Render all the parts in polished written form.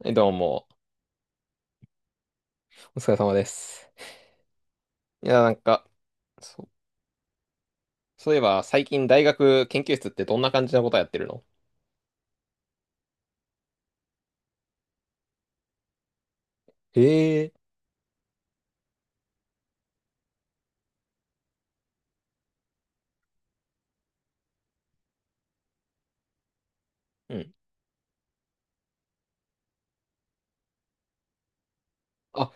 はいどうも、お疲れ様です。いや、なんか、そ、そういえば、最近大学研究室ってどんな感じのことやってるの？へえ。うん。あ、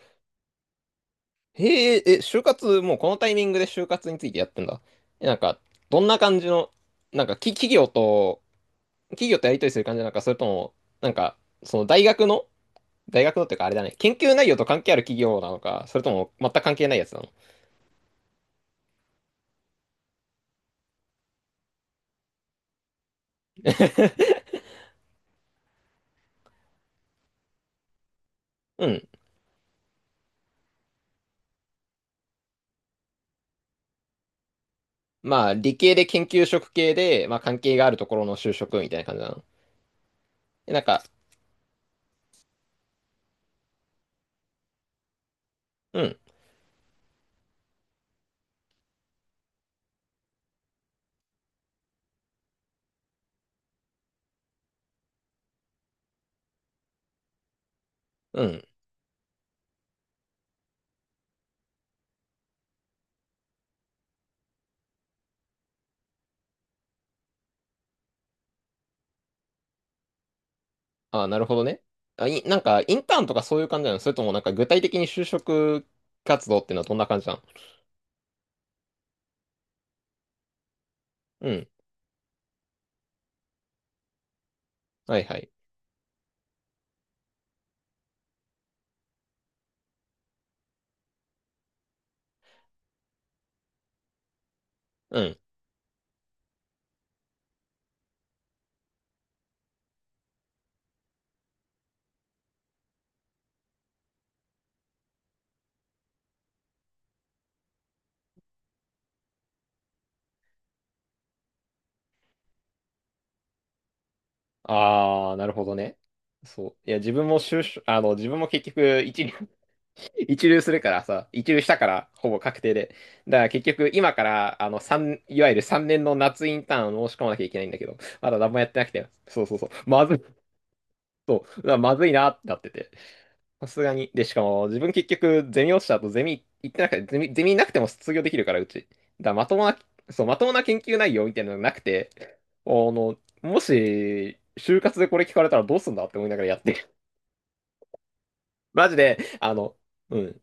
へえ、就活、もうこのタイミングで就活についてやってんだ。え、なんか、どんな感じの、企業と、企業とやりとりする感じなのか、それとも、なんか、その大学の、大学のっていうか、あれだね、研究内容と関係ある企業なのか、それとも全く関係ないやつなの？ うん。まあ、理系で研究職系で、まあ、関係があるところの就職みたいな感じなの。えなんか、うん、うん。ああ、なるほどね。あ、い、なんか、インターンとかそういう感じなの？それともなんか具体的に就職活動っていうのはどんな感じなの？うん。はいはい。うん。ああ、なるほどね。そう。いや、自分も就職、自分も結局一流、一流するからさ、一流したから、ほぼ確定で。だから結局、今から、いわゆる3年の夏インターンを申し込まなきゃいけないんだけど、まだ何もやってなくて、そうそうそう、まずい、そう、うわまずいなってなってて。さすがに。で、しかも、自分結局、ゼミ落ちた後、ゼミ行ってなくて、ゼミなくても卒業できるから、うち。まともな、そう、まともな研究内容みたいなのがなくて、もし、就活でこれ聞かれたらどうすんだって思いながらやってる。マジで、うん、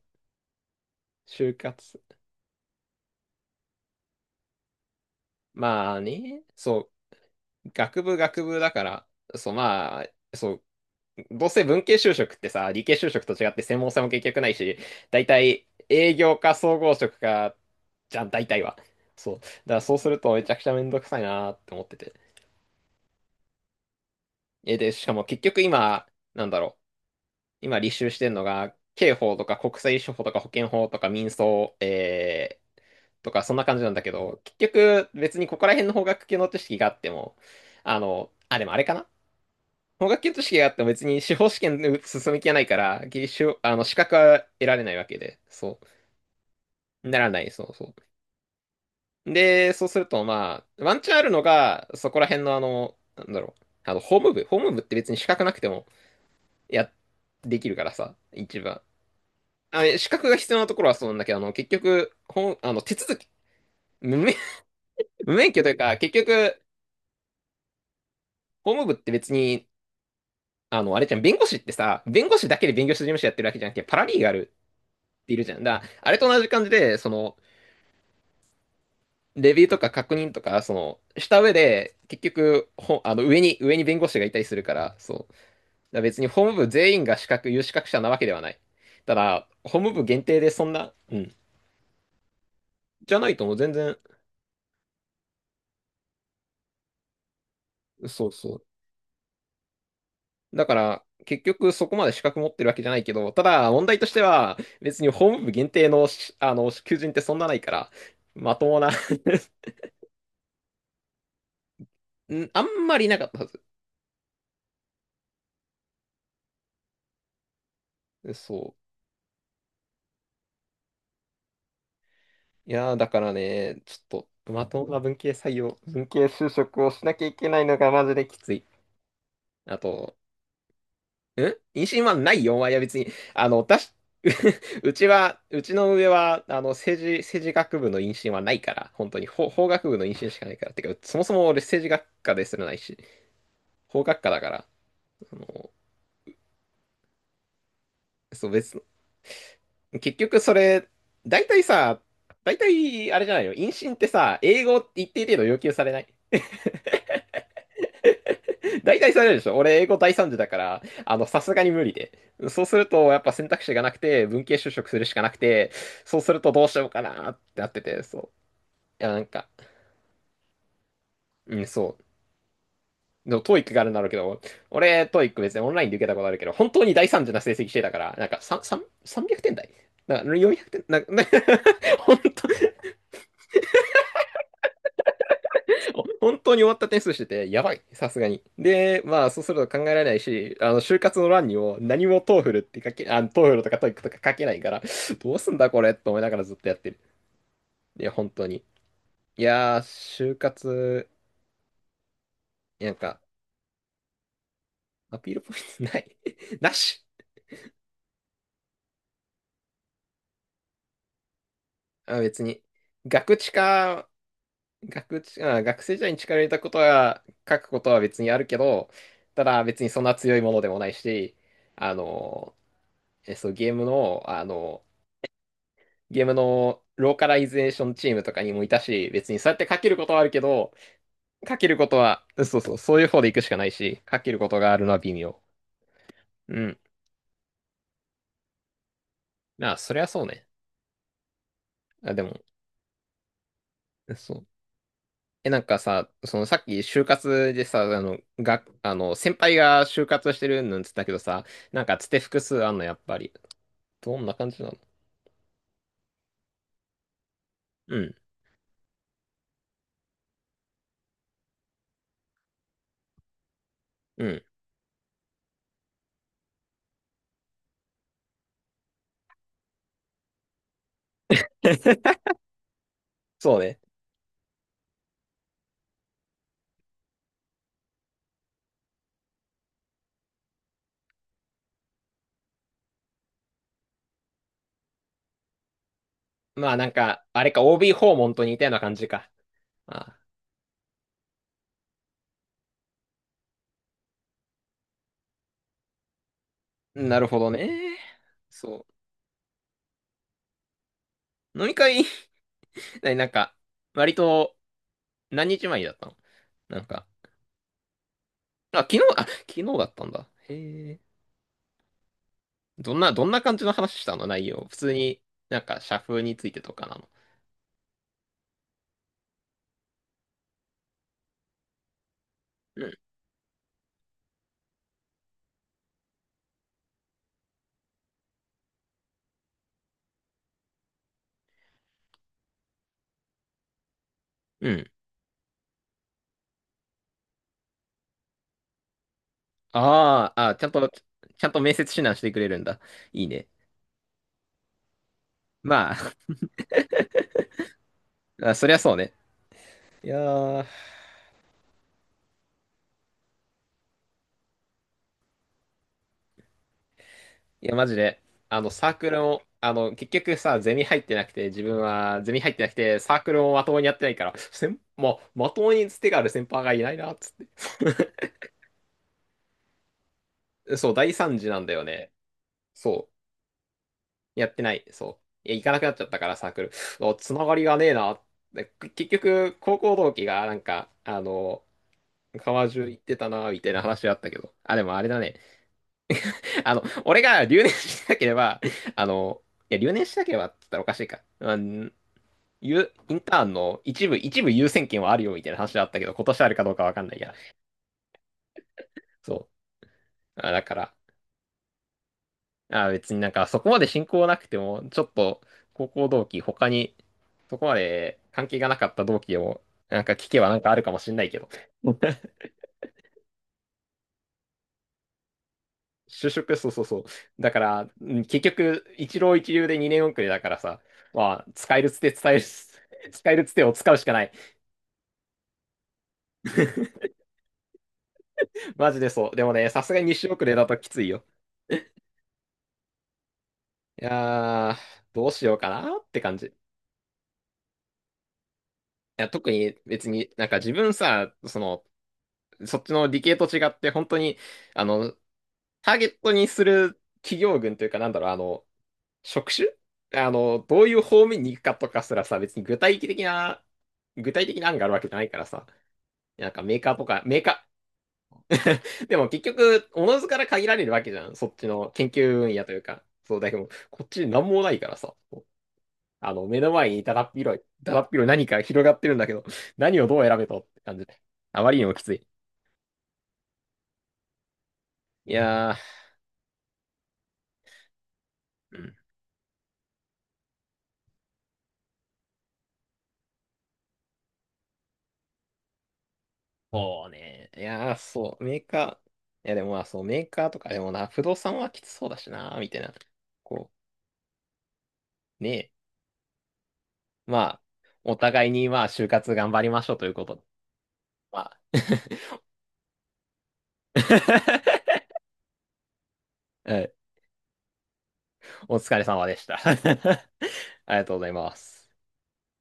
就活。まあね、そう、学部学部だから、そう、まあ、そう、どうせ文系就職ってさ、理系就職と違って専門性も結局ないし、大体営業か総合職か、じゃん、大体は。そう。だからそうするとめちゃくちゃめんどくさいなーって思ってて。で、しかも結局今、なんだろう。今履修してんのが、刑法とか国際司法とか保険法とか民訴、とかそんな感じなんだけど、結局別にここら辺の法学系の知識があっても、でもあれかな。法学検討試験があっても別に司法試験に進む気はないから、技術あの、資格は得られないわけで、そう、ならない、そうそう。で、そうすると、まあ、ワンチャンあるのが、そこら辺のあの、なんだろう、あの、法務部、法務部って別に資格なくても、や、できるからさ、一番。あ、資格が必要なところはそうなんだけど、結局、ほん、あの、手続き、無免、無免許というか、結局、法務部って別に、あれじゃん、弁護士ってさ、弁護士だけで弁護士事務所やってるわけじゃなくて、パラリーガルいるじゃん。だから、あれと同じ感じで、レビューとか確認とか、した上で、結局、ほ、あの、上に、上に弁護士がいたりするから、そう。だから別に法務部全員が資格、有資格者なわけではない。ただ、法務部限定でそんな、うん。じゃないともう全然、そうそう。だから、結局そこまで資格持ってるわけじゃないけど、ただ問題としては、別に法務部限定のし、あの、求人ってそんなないから、まともな あんまりいなかったはず。そう。いやー、だからね、ちょっと、まともな文系採用、文系就職をしなきゃいけないのがマジできつい。あと、妊娠はないよ、お前は別に。あの、私、うちは、うちの上は、政治学部の妊娠はないから、本当に、法学部の妊娠しかないから。てか、そもそも俺政治学科ですらないし、法学科だから、あの、そう、別の、結局それ、大体さ、大体、あれじゃないの、妊娠ってさ、英語一定程度要求されない？大体それでしょ。俺、英語大惨事だから、あの、さすがに無理で。そうすると、やっぱ選択肢がなくて、文系就職するしかなくて、そうするとどうしようかなってなってて、そう。いや、なんか、うん、そう。でも、トーイックがあるんだろうけど、俺、トーイック別にオンラインで受けたことあるけど、本当に大惨事な成績してたから、なんか、3、3、300点台な400点、本 本当に終わった点数してて、やばい、さすがに。で、まあ、そうすると考えられないし、就活の欄にも何もトーフルって書け、あの、トーフルとかトイックとか書けないから、どうすんだこれと思いながらずっとやってる。いや、本当に。いやー、就活、なんか、アピールポイントない なし。あ、別に。学知か、学知、あ、学生時代に力を入れたことは、書くことは別にあるけど、ただ別にそんな強いものでもないし、あの、え、そう、ゲームの、ゲームのローカライゼーションチームとかにもいたし、別にそうやってかけることはあるけど、かけることは、そうそう、そういう方で行くしかないし、かけることがあるのは微妙。うん。まあ、そりゃそうね。あ、でも、そう。え、なんかさ、そのさっき就活でさ、あの、が、あの、先輩が就活してるなんつったけどさ、なんかつて複数あんの、やっぱり。どんな感じなの？うん、うん。そうね。まあなんか、あれか、OB 訪問と似たような感じか。あ、なるほどね。そう。飲み会 ななんか、割と何日前にだったの？なんか、あ、昨日、あ、昨日だったんだ。へえ。どんな、どんな感じの話したの内容。普通に、なんか、社風についてとかなの？うん。うん。ああ、あ、ちゃんと、ちゃんと面接指南してくれるんだ。いいね。まあ、あ、そりゃそうね。いやー、いや、マジで、サークルも、結局さ、ゼミ入ってなくて、自分はゼミ入ってなくて、サークルもまともにやってないから、まともにつてがある先輩がいないな、つって。そう、大惨事なんだよね。そう。やってない。そう。いや、行かなくなっちゃったから、サークル。お、つながりがねえな。結局、高校同期が、川中行ってたな、みたいな話あったけど。あ、でもあれだね。俺が留年しなければ、あの、いや、留年しなければって言ったらおかしいか。うん、インターンの一部、一部優先権はあるよ、みたいな話あったけど、今年あるかどうかわかんないや。そう。あだから、あ、別になんかそこまで親交なくても、ちょっと高校同期、他にそこまで関係がなかった同期を、なんか聞けばなんかあるかもしんないけど。就職、そうそうそう。だから、結局、一浪一流で2年遅れだからさ、まあ、使えるつて伝える、使えるつてを使うしかない。マジでそう。でもね、さすがに2週遅れだときついよ。いやー、どうしようかなって感じ。いや、特に別になんか自分さ、そっちの理系と違って本当に、あの、ターゲットにする企業群というか、職種どういう方面に行くかとかすらさ、別に具体的な、具体的な案があるわけじゃないからさ、なんかメーカーとか、メーカー、でも結局、おのずから限られるわけじゃん、そっちの研究分野というか。そう、だけど、こっちなんもないからさ、目の前にだだっ広い、だだっ広い何か広がってるんだけど、何をどう選べとって感じで、あまりにもきつい。いやー、うんそうね。いやー、そう、メーカー、いやでもまあ、そう、メーカーとかでもな、不動産はきつそうだしな、みたいな。こねえ、まあ、お互いにまあ、就活頑張りましょうということで。まあ、はいお疲れ様でした。ありがとうございます。